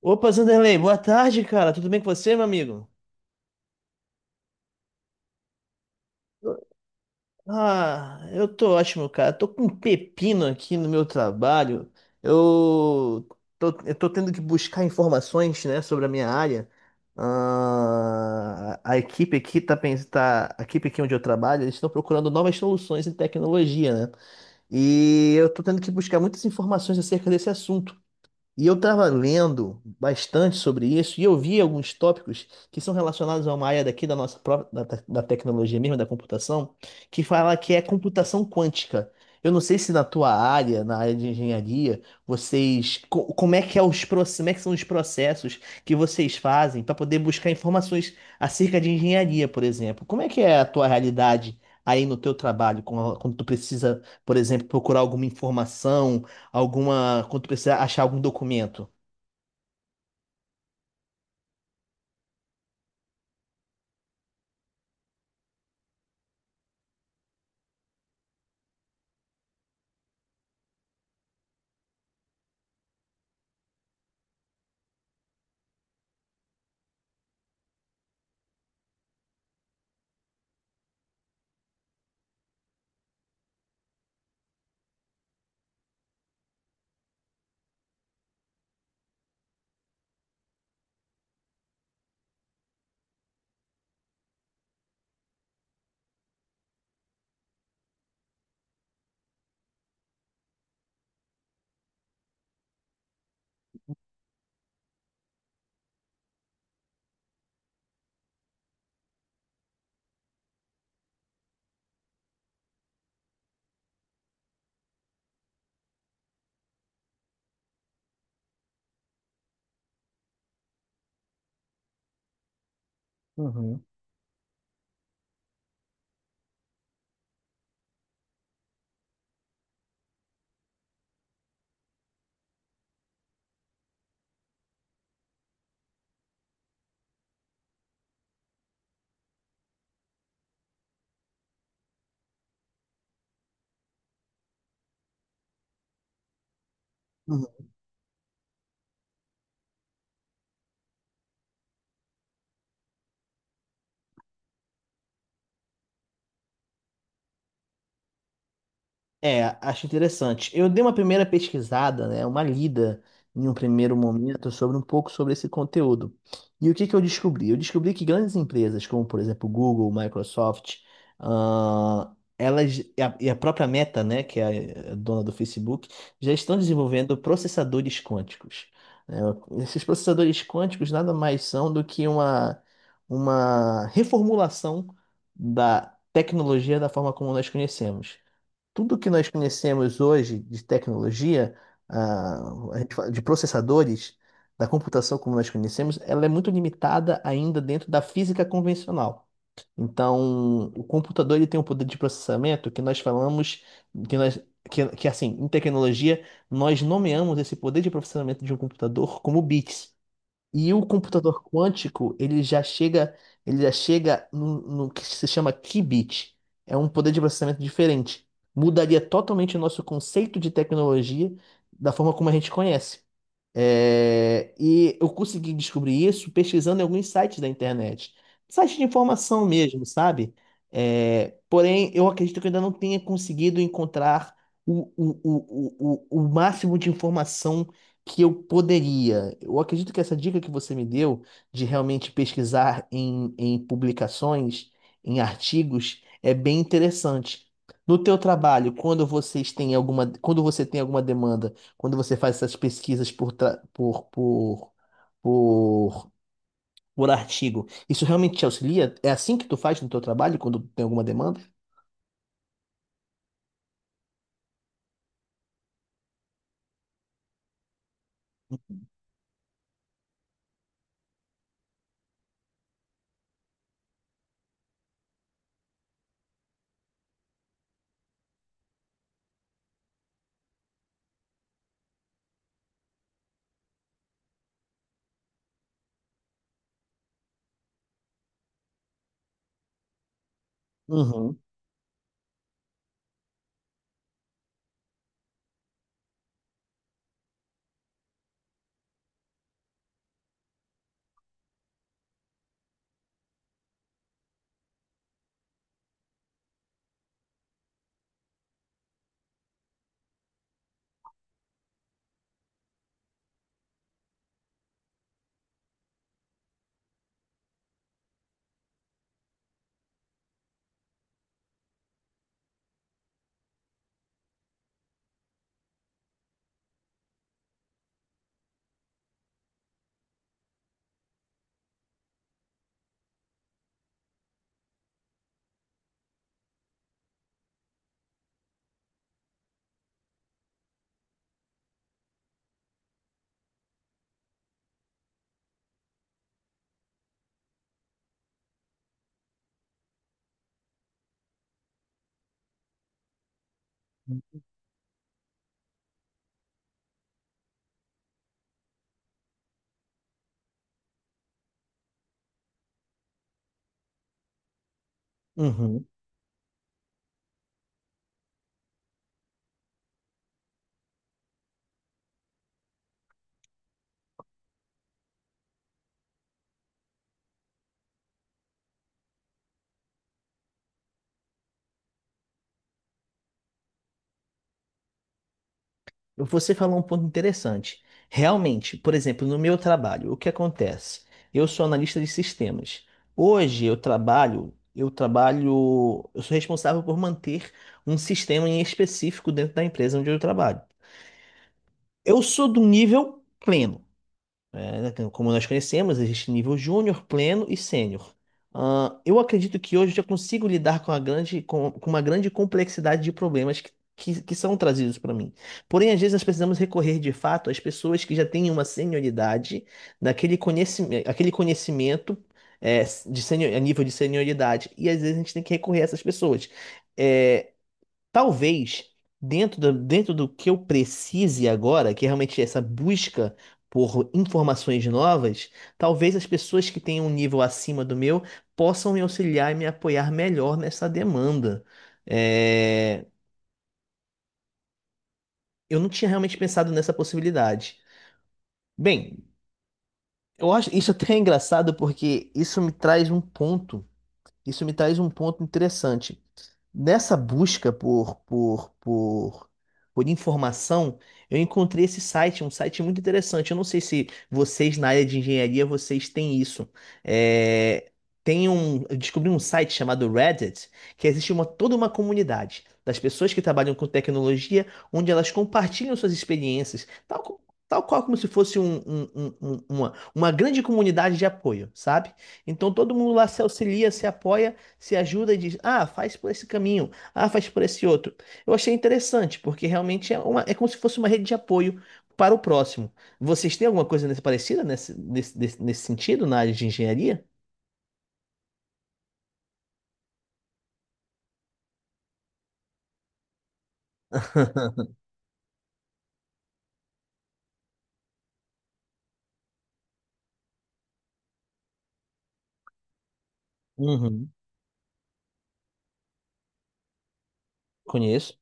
Opa, Zanderlei, boa tarde, cara. Tudo bem com você, meu amigo? Ah, eu tô ótimo, cara. Tô com um pepino aqui no meu trabalho. Eu eu tô tendo que buscar informações, né, sobre a minha área. Ah, a equipe aqui onde eu trabalho, eles estão procurando novas soluções em tecnologia, né? E eu tô tendo que buscar muitas informações acerca desse assunto. E eu estava lendo bastante sobre isso e eu vi alguns tópicos que são relacionados a uma área daqui da nossa própria, da tecnologia mesmo, da computação, que fala que é computação quântica. Eu não sei se na tua área, na área de engenharia, como é que como é que são os processos que vocês fazem para poder buscar informações acerca de engenharia, por exemplo. Como é que é a tua realidade aí no teu trabalho, quando tu precisa, por exemplo, procurar alguma informação? Alguma, quando precisar achar algum documento. Uhum. É, acho interessante. Eu dei uma primeira pesquisada, né, uma lida em um primeiro momento sobre um pouco sobre esse conteúdo. E o que que eu descobri? Eu descobri que grandes empresas, como por exemplo Google, Microsoft, ah, elas e a própria Meta, né, que é a dona do Facebook, já estão desenvolvendo processadores quânticos. Né? Esses processadores quânticos nada mais são do que uma reformulação da tecnologia, da forma como nós conhecemos tudo que nós conhecemos hoje de tecnologia. Ah, a gente fala de processadores, da computação como nós conhecemos, ela é muito limitada ainda dentro da física convencional. Então, o computador ele tem um poder de processamento que nós falamos, que nós, que assim, em tecnologia, nós nomeamos esse poder de processamento de um computador como bits. E o computador quântico, ele já chega no que se chama qubit. É um poder de processamento diferente. Mudaria totalmente o nosso conceito de tecnologia da forma como a gente conhece. É, e eu consegui descobrir isso pesquisando em alguns sites da internet. Sites de informação mesmo, sabe? É, porém, eu acredito que eu ainda não tenha conseguido encontrar o máximo de informação que eu poderia. Eu acredito que essa dica que você me deu de realmente pesquisar em publicações, em artigos, é bem interessante. No teu trabalho, quando vocês têm alguma, quando você tem alguma demanda, quando você faz essas pesquisas por, tra- por, por artigo, isso realmente te auxilia? É assim que tu faz no teu trabalho quando tem alguma demanda? Uhum. Uhum. Você falou um ponto interessante. Realmente, por exemplo, no meu trabalho, o que acontece? Eu sou analista de sistemas. Hoje eu sou responsável por manter um sistema em específico dentro da empresa onde eu trabalho. Eu sou do nível pleno. É, né, como nós conhecemos, existe nível júnior, pleno e sênior. Ah, eu acredito que hoje eu já consigo lidar com uma grande complexidade de problemas que são trazidos para mim. Porém, às vezes nós precisamos recorrer de fato às pessoas que já têm uma senioridade naquele conhecimento, aquele conhecimento é, de senior, a nível de senioridade. E às vezes a gente tem que recorrer a essas pessoas. É, talvez, dentro do que eu precise agora, que é realmente essa busca por informações novas, talvez as pessoas que tenham um nível acima do meu possam me auxiliar e me apoiar melhor nessa demanda. É, eu não tinha realmente pensado nessa possibilidade. Bem, eu acho isso até é engraçado porque isso me traz um ponto. Isso me traz um ponto interessante. Nessa busca por informação, eu encontrei esse site, um site muito interessante. Eu não sei se vocês na área de engenharia vocês têm isso. É, eu descobri um site chamado Reddit, que existe uma, toda uma comunidade das pessoas que trabalham com tecnologia, onde elas compartilham suas experiências, tal qual como se fosse uma grande comunidade de apoio, sabe? Então todo mundo lá se auxilia, se apoia, se ajuda e diz: ah, faz por esse caminho, ah, faz por esse outro. Eu achei interessante, porque realmente é, uma, é como se fosse uma rede de apoio para o próximo. Vocês têm alguma coisa parecida nesse sentido na área de engenharia? Uhum. Conheço.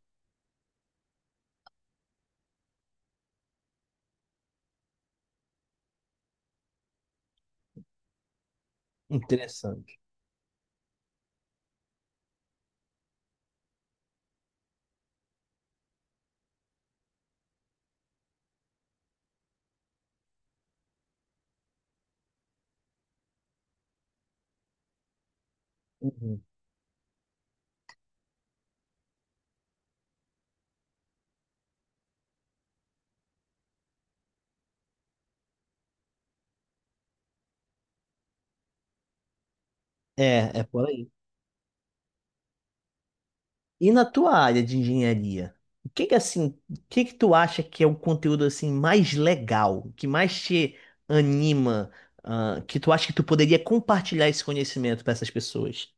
Interessante. Uhum. É, é por aí. E na tua área de engenharia, o que que tu acha que é o conteúdo assim mais legal, que mais te anima, ah, que tu acha que tu poderia compartilhar esse conhecimento para essas pessoas?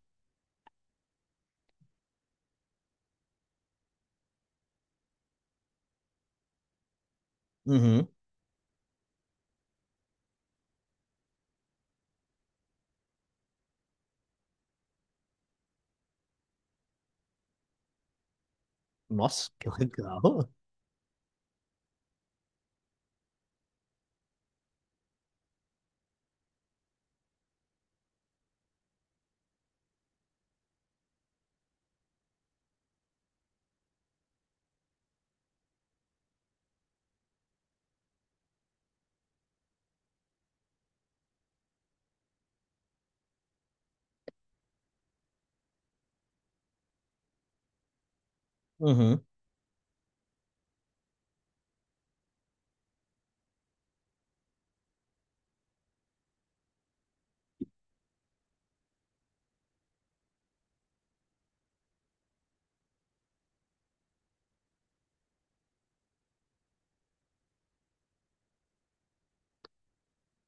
Uhum. Nossa, que legal. Uhum.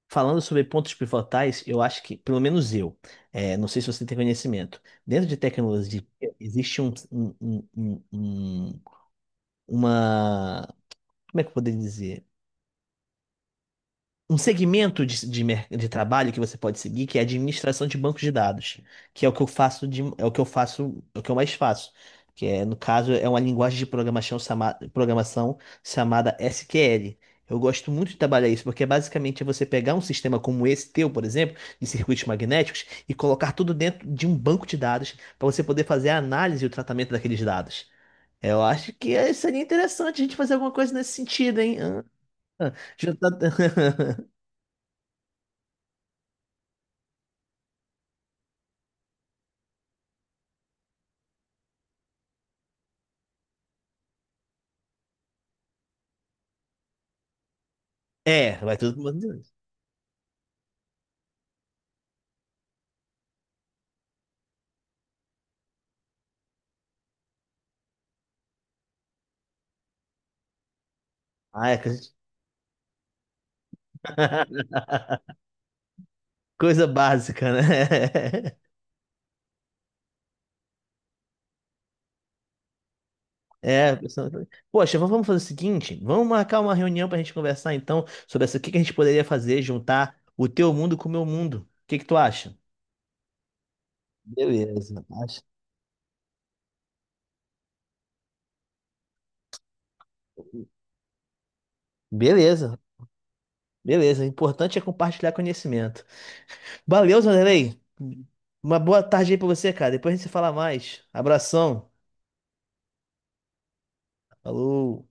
Falando sobre pontos pivotais, eu acho que, pelo menos eu, é, não sei se você tem conhecimento, dentro de tecnologia existe uma, como é que eu poderia dizer? Um segmento de trabalho que você pode seguir, que é a administração de bancos de dados, que é o que eu faço de, é o que eu faço, é o que eu mais faço, que é, no caso, é uma linguagem de programação, chamada SQL. Eu gosto muito de trabalhar isso, porque basicamente é você pegar um sistema como esse teu, por exemplo, de circuitos magnéticos, e colocar tudo dentro de um banco de dados para você poder fazer a análise e o tratamento daqueles dados. Eu acho que eh, seria interessante a gente fazer alguma coisa nesse sentido, hein? Ah, ah, já tá- É, vai tudo pro mundo. Ah, é que a gente... Coisa básica, né? É, a pessoa- Poxa, vamos fazer o seguinte, vamos marcar uma reunião pra gente conversar então sobre essa, o que que a gente poderia fazer, juntar o teu mundo com o meu mundo. O que que tu acha? Beleza, acho. Beleza, beleza. O importante é compartilhar conhecimento. Valeu, Zanderlei. Uma boa tarde aí pra você, cara. Depois a gente se fala mais. Abração. Falou.